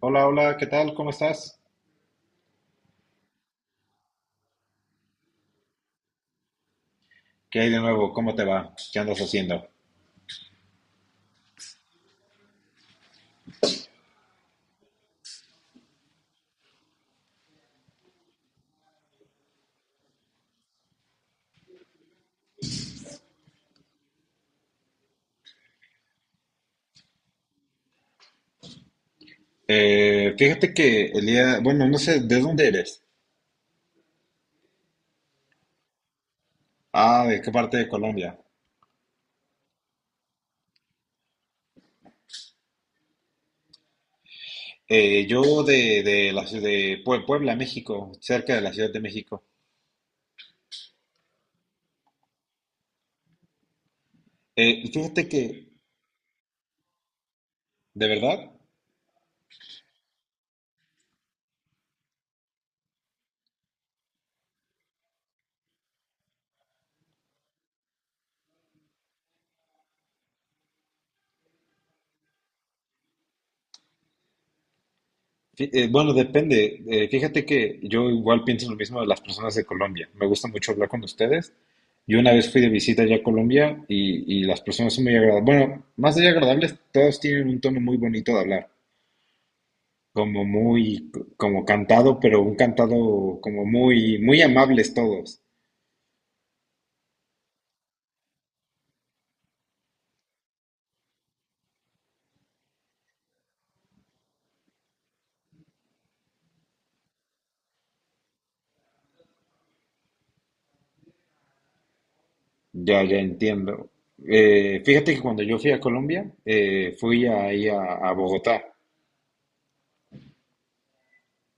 Hola, hola, ¿qué tal? ¿Cómo estás? ¿Qué hay de nuevo? ¿Cómo te va? ¿Qué andas haciendo? Fíjate que el día, bueno, no sé, ¿de dónde eres? Ah, ¿de qué parte de Colombia? Yo de la ciudad de Puebla, México, cerca de la Ciudad de México. Fíjate que, ¿de verdad? Bueno, depende. Fíjate que yo igual pienso lo mismo de las personas de Colombia. Me gusta mucho hablar con ustedes. Yo una vez fui de visita ya a Colombia y las personas son muy agradables. Bueno, más allá de agradables, todos tienen un tono muy bonito de hablar. Como muy, como cantado, pero un cantado como muy, muy amables todos. Ya, ya entiendo. Fíjate que cuando yo fui a Colombia, fui ahí a Bogotá.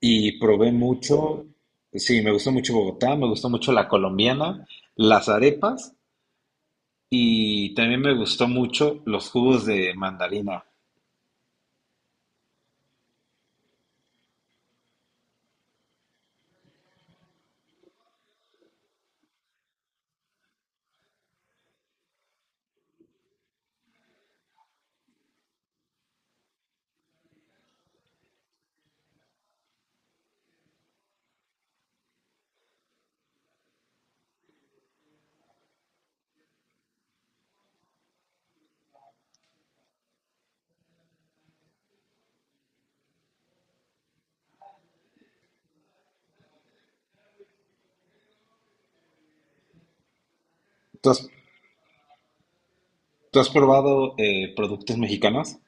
Y probé mucho, sí, me gustó mucho Bogotá, me gustó mucho la colombiana, las arepas y también me gustó mucho los jugos de mandarina. ¿Tú has, tú has probado productos mexicanos?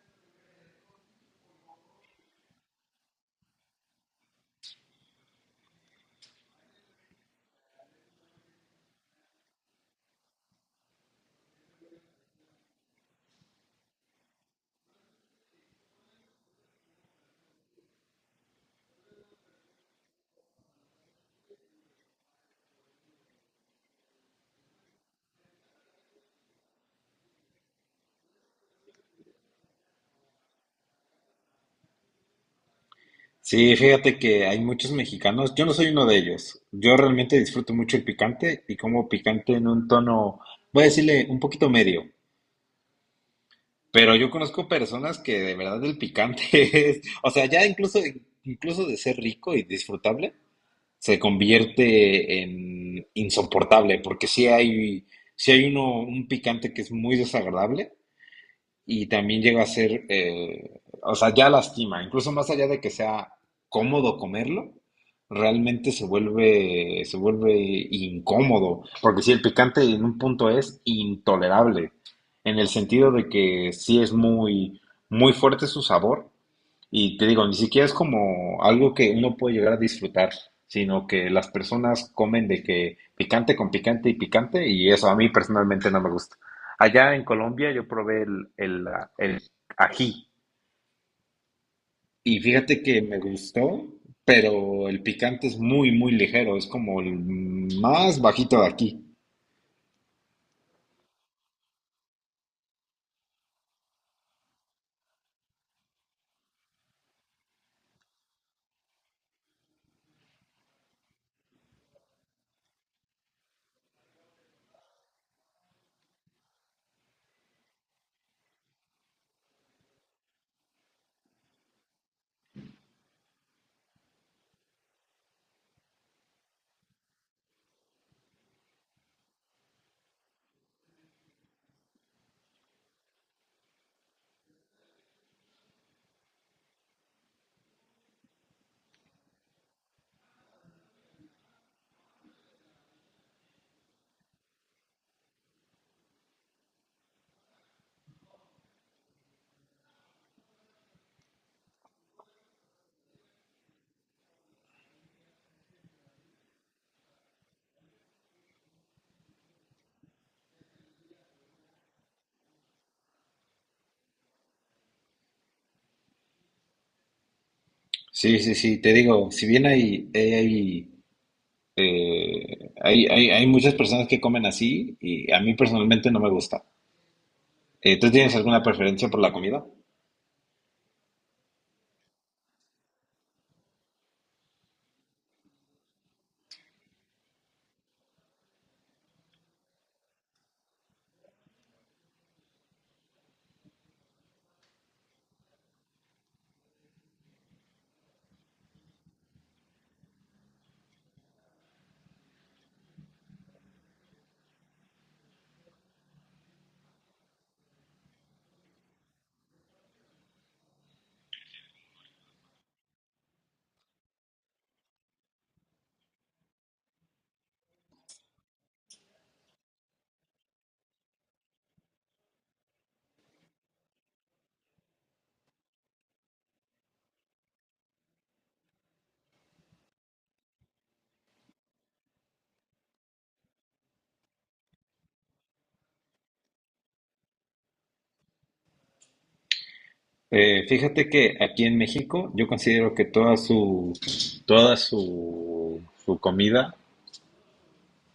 Sí, fíjate que hay muchos mexicanos, yo no soy uno de ellos. Yo realmente disfruto mucho el picante y como picante en un tono, voy a decirle un poquito medio, pero yo conozco personas que de verdad el picante es, o sea, ya incluso, incluso de ser rico y disfrutable. Se convierte en insoportable, porque sí hay uno, un picante que es muy desagradable y también llega a ser, o sea, ya lastima, incluso más allá de que sea cómodo comerlo, realmente se vuelve incómodo, porque sí, el picante en un punto es intolerable, en el sentido de que sí es muy, muy fuerte su sabor y te digo, ni siquiera es como algo que uno puede llegar a disfrutar, sino que las personas comen de que picante con picante y picante, y eso a mí personalmente no me gusta. Allá en Colombia yo probé el ají, y fíjate que me gustó, pero el picante es muy, muy ligero, es como el más bajito de aquí. Sí, sí, sí, te digo, si bien hay muchas personas que comen así, y a mí personalmente no me gusta. ¿Tú tienes alguna preferencia por la comida? Fíjate que aquí en México yo considero que toda su, su comida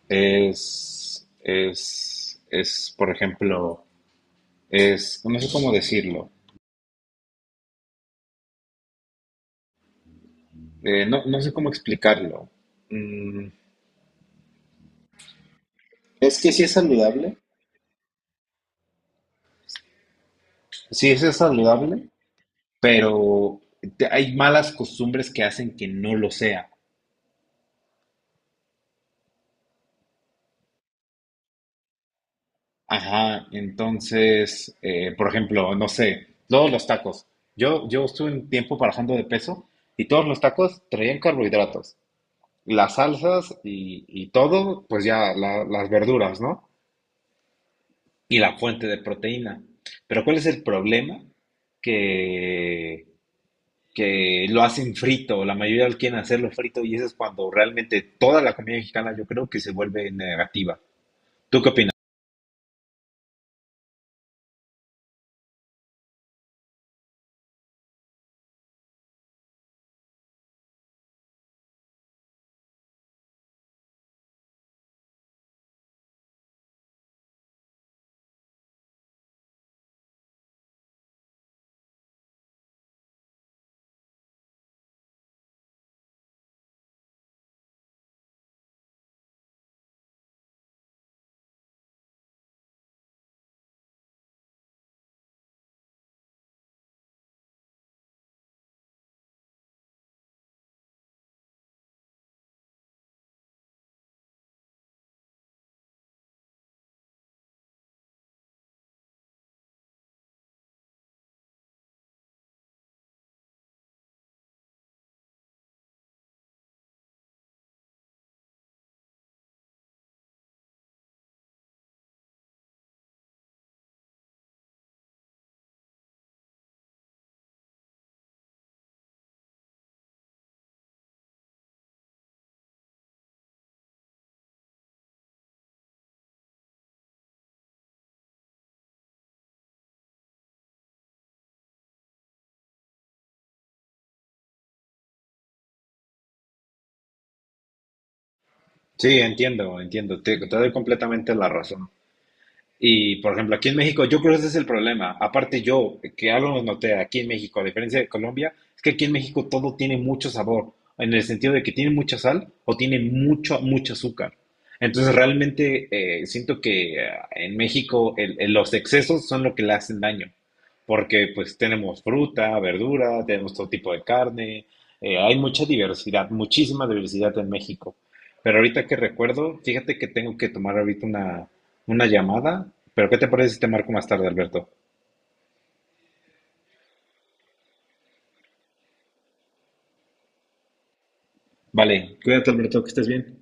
es, por ejemplo, es, no sé cómo decirlo, no sé cómo explicarlo. Mm, Es que sí es saludable. Sí, eso es saludable, pero hay malas costumbres que hacen que no lo sea. Ajá, entonces, por ejemplo, no sé, todos los tacos. Yo estuve un tiempo bajando de peso y todos los tacos traían carbohidratos. Las salsas y todo, pues ya las verduras, ¿no? Y la fuente de proteína. Pero ¿cuál es el problema? Que, que lo hacen frito, la mayoría lo quieren hacerlo frito y eso es cuando realmente toda la comida mexicana yo creo que se vuelve negativa. ¿Tú qué opinas? Sí, entiendo, entiendo, te doy completamente la razón. Y, por ejemplo, aquí en México, yo creo que ese es el problema. Aparte yo, que algo lo noté aquí en México, a diferencia de Colombia, es que aquí en México todo tiene mucho sabor, en el sentido de que tiene mucha sal o tiene mucho, mucho azúcar. Entonces, realmente siento que en México los excesos son lo que le hacen daño, porque pues tenemos fruta, verdura, tenemos todo tipo de carne, hay mucha diversidad, muchísima diversidad en México. Pero ahorita que recuerdo, fíjate que tengo que tomar ahorita ¿una llamada? ¿Pero qué te parece si te marco más tarde, Alberto? Vale, cuídate Alberto, que estés bien.